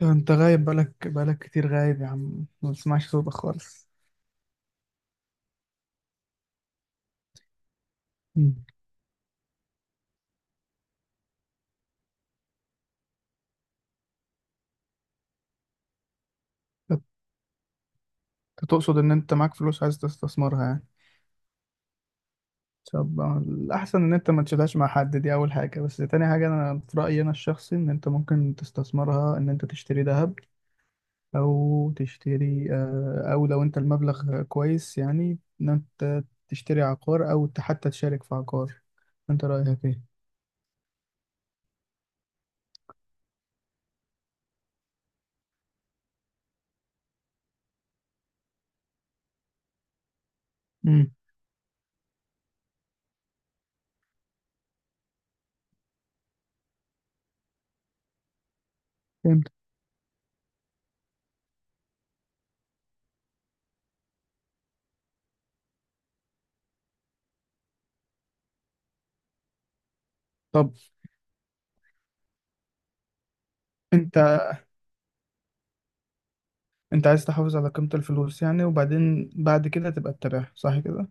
لو انت غايب بقالك كتير غايب يا عم، ما بسمعش صوتك خالص. مم. انت تقصد ان انت معاك فلوس عايز تستثمرها يعني؟ طب الاحسن ان انت ما تشيلهاش مع حد، دي اول حاجه، بس تاني حاجه انا في رايي انا الشخصي ان انت ممكن تستثمرها، ان انت تشتري ذهب، او تشتري آه، او لو انت المبلغ كويس يعني، ان انت تشتري عقار او حتى تشارك في عقار. انت رايك ايه؟ امم فهمت. طب انت انت عايز تحافظ على قيمة الفلوس يعني، وبعدين بعد كده تبقى تتابعها، صح كده؟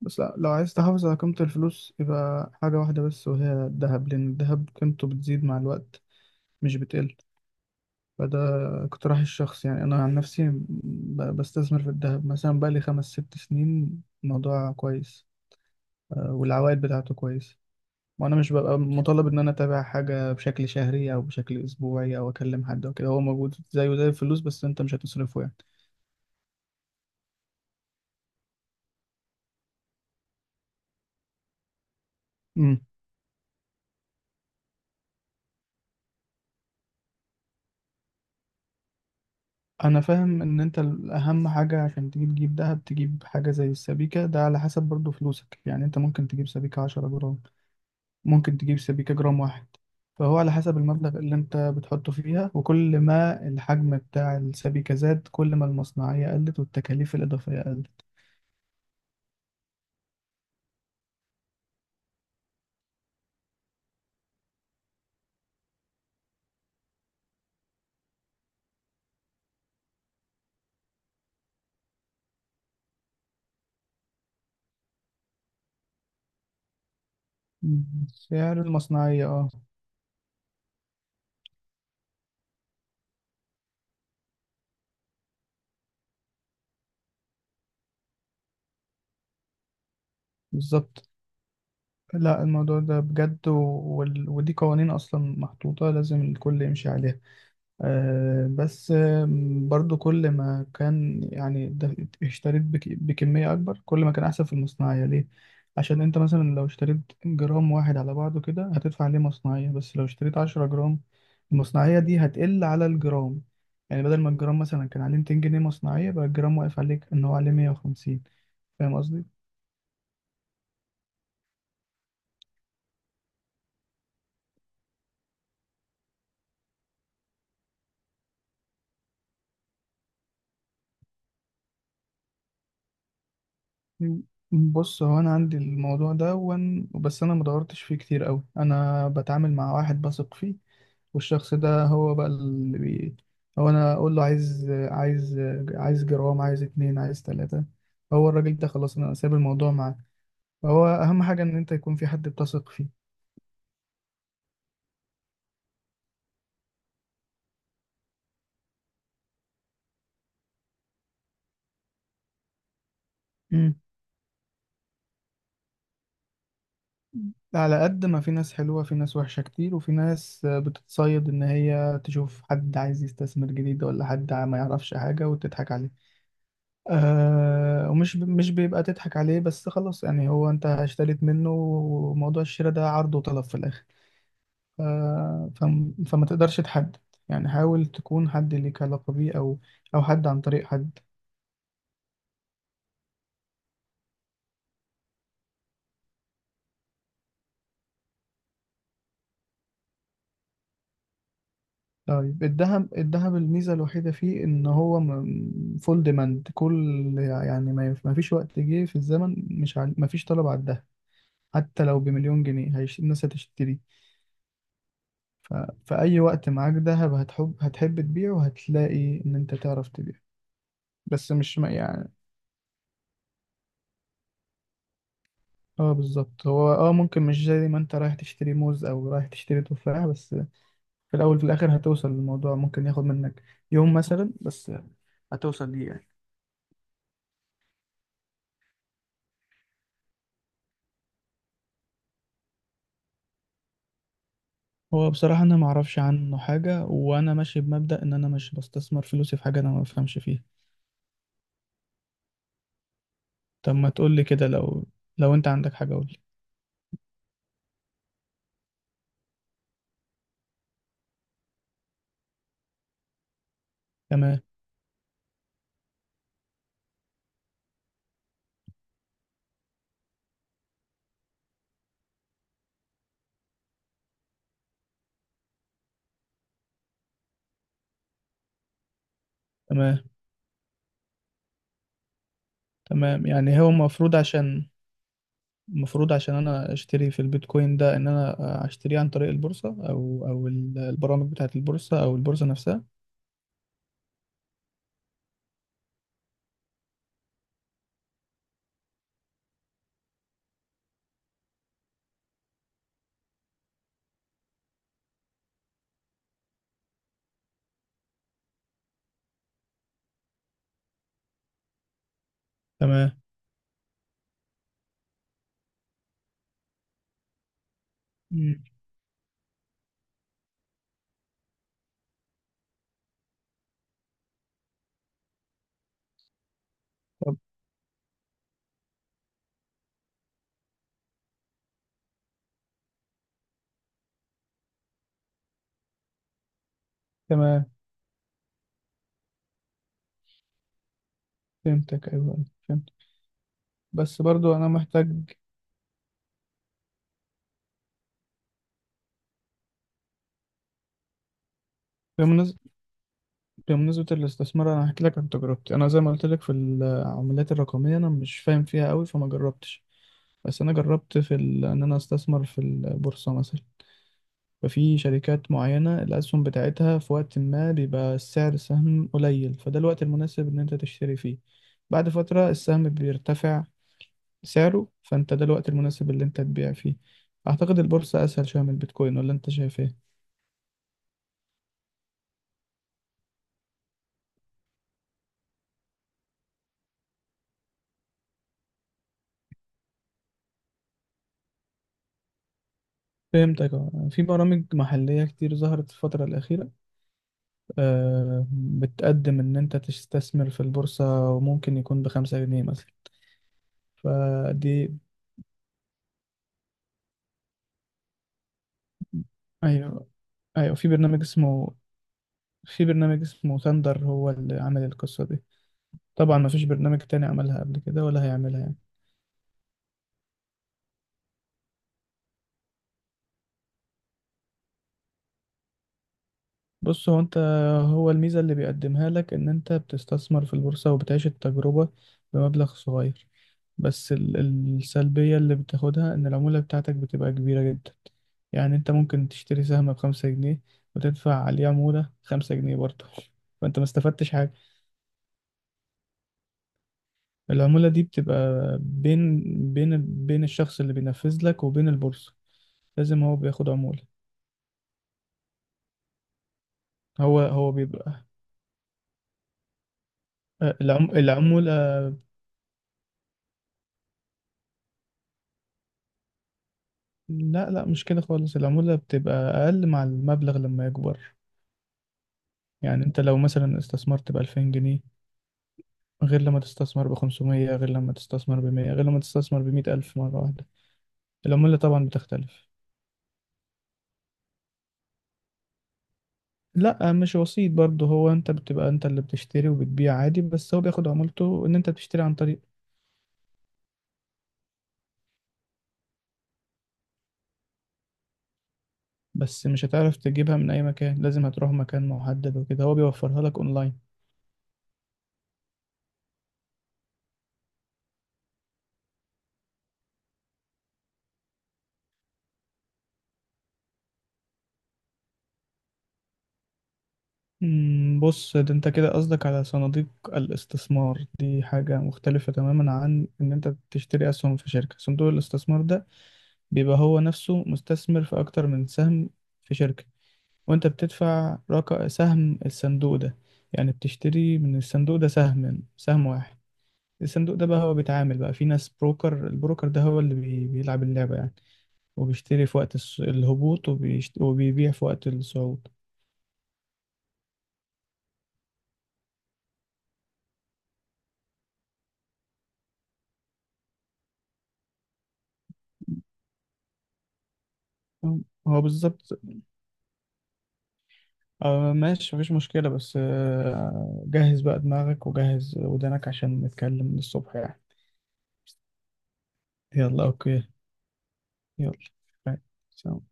بس لا، لو عايز تحافظ على قيمة الفلوس يبقى حاجة واحدة بس، وهي الذهب، لأن الذهب قيمته بتزيد مع الوقت مش بتقل. فده اقتراح الشخص، يعني أنا عن نفسي بستثمر في الذهب مثلا بقالي خمس ست سنين، الموضوع كويس والعوائد بتاعته كويسة. وأنا مش ببقى مطالب إن أنا أتابع حاجة بشكل شهري أو بشكل أسبوعي أو أكلم حد أو كده، هو موجود زيه زي الفلوس بس أنت مش هتصرفه. يعني انا فاهم ان انت الاهم حاجة عشان تجيب دهب، تجيب حاجة زي السبيكة، ده على حسب برضو فلوسك. يعني انت ممكن تجيب سبيكة 10 جرام، ممكن تجيب سبيكة 1 جرام. فهو على حسب المبلغ اللي انت بتحطه فيها، وكل ما الحجم بتاع السبيكة زاد كل ما المصنعية قلت والتكاليف الإضافية قلت. مم. سعر المصنعية، اه. بالظبط. لا الموضوع ده بجد ودي قوانين اصلا محطوطة لازم الكل يمشي عليها. بس برضو كل ما كان يعني بكمية أكبر كل ما كان أحسن في المصنعية. ليه؟ عشان أنت مثلا لو اشتريت جرام واحد على بعضه كده هتدفع عليه مصنعية، بس لو اشتريت 10 جرام المصنعية دي هتقل على الجرام. يعني بدل ما الجرام مثلا كان عليه 200 جنيه مصنعية، بقى الجرام واقف عليك إن هو عليه 150. فاهم قصدي؟ مم. بص هو انا عندي الموضوع ده بس انا مدورتش فيه كتير قوي، انا بتعامل مع واحد بثق فيه. والشخص ده هو بقى هو انا اقول له عايز جرام، عايز اتنين، عايز تلاتة، هو الراجل ده خلاص انا سايب الموضوع معاه. فهو اهم حاجة ان انت يكون في حد بتثق فيه. مم. على قد ما في ناس حلوة في ناس وحشة كتير، وفي ناس بتتصيد ان هي تشوف حد عايز يستثمر جديد، ولا حد ما يعرفش حاجة وتضحك عليه. آه، مش بيبقى تضحك عليه بس خلاص، يعني هو انت اشتريت منه، وموضوع الشراء ده عرض وطلب في الاخر. ف... فما تقدرش تحدد. يعني حاول تكون حد ليك علاقة بيه، او او حد عن طريق حد. طيب الذهب، الذهب الميزة الوحيدة فيه ان هو فول ديماند. كل يعني ما فيش وقت جه في الزمن مش ع... ما فيش طلب على الذهب. حتى لو بمليون جنيه الناس هتشتري. ف... في اي وقت معاك ذهب هتحب تبيعه، وهتلاقي ان انت تعرف تبيعه. بس مش ما يعني، اه بالظبط. هو اه ممكن مش زي ما انت رايح تشتري موز او رايح تشتري تفاح بس، في الاول في الاخر هتوصل للموضوع، ممكن ياخد منك يوم مثلا بس هتوصل ليه يعني. هو بصراحة أنا معرفش عنه حاجة، وأنا ماشي بمبدأ إن أنا مش بستثمر فلوسي في حاجة أنا ما بفهمش فيها. طب ما تقولي كده، لو لو أنت عندك حاجة قولي. تمام. تمام. تمام. يعني هو المفروض عشان، المفروض عشان انا اشتري في البيتكوين ده، ان انا اشتريه عن طريق البورصة، او البرامج بتاعة البورصة او البورصة نفسها. تمام. مم. طب تمام، فهمتك. ايوه أيوة، فهمت. بس برضو انا محتاج. بمناسبة بمناسبة الاستثمار، انا هحكي لك عن تجربتي. انا زي ما قلت لك في العملات الرقمية انا مش فاهم فيها قوي فما جربتش. بس انا جربت ان انا استثمر في البورصة مثلا. ففي شركات معينة الأسهم بتاعتها في وقت ما بيبقى السعر السهم قليل، فده الوقت المناسب إن أنت تشتري فيه. بعد فترة السهم بيرتفع سعره، فأنت ده الوقت المناسب اللي أنت تبيع فيه. أعتقد البورصة أسهل شوية من البيتكوين، ولا أنت شايف إيه؟ فهمتك. اه في برامج محلية كتير ظهرت الفترة الأخيرة، بتقدم إن أنت تستثمر في البورصة وممكن يكون بـ5 جنيه مثلا. فدي أيوه. أيوه في برنامج اسمه، في برنامج اسمه ثاندر هو اللي عمل القصة دي. طبعا ما فيش برنامج تاني عملها قبل كده ولا هيعملها يعني. بص هو انت، هو الميزة اللي بيقدمها لك ان انت بتستثمر في البورصة وبتعيش التجربة بمبلغ صغير. بس ال- السلبية اللي بتاخدها ان العمولة بتاعتك بتبقى كبيرة جدا. يعني انت ممكن تشتري سهم بـ5 جنيه، وتدفع عليه عمولة 5 جنيه برضه، فانت ما استفدتش حاجة. العمولة دي بتبقى بين بين الشخص اللي بينفذ لك وبين البورصة، لازم هو بياخد عمولة. هو بيبقى، العمولة، لا لا مش كده خالص، العمولة بتبقى أقل مع المبلغ لما يكبر. يعني أنت لو مثلا استثمرت بـ2000 جنيه، غير لما تستثمر بـ500، غير لما تستثمر بـ100، غير لما تستثمر بـ100 ألف مرة واحدة، العمولة طبعا بتختلف. لا مش وسيط برضه، هو أنت بتبقى أنت اللي بتشتري وبتبيع عادي، بس هو بياخد عمولته إن أنت بتشتري عن طريق. بس مش هتعرف تجيبها من أي مكان، لازم هتروح مكان محدد وكده، هو بيوفرها لك أونلاين. بص ده انت كده قصدك على صناديق الاستثمار، دي حاجة مختلفة تماما عن ان انت تشتري اسهم في شركة. صندوق الاستثمار ده بيبقى هو نفسه مستثمر في اكتر من سهم في شركة، وانت بتدفع رقم سهم الصندوق ده، يعني بتشتري من الصندوق ده سهم واحد. الصندوق ده بقى هو بيتعامل بقى في ناس بروكر، البروكر ده هو اللي بيلعب اللعبة يعني، وبيشتري في وقت الهبوط وبيبيع في وقت الصعود. هو بالظبط، آه ماشي مفيش مشكلة. بس آه جهز بقى دماغك وجهز ودانك عشان نتكلم من الصبح يعني. يلا أوكي. يلا. باي. سلام.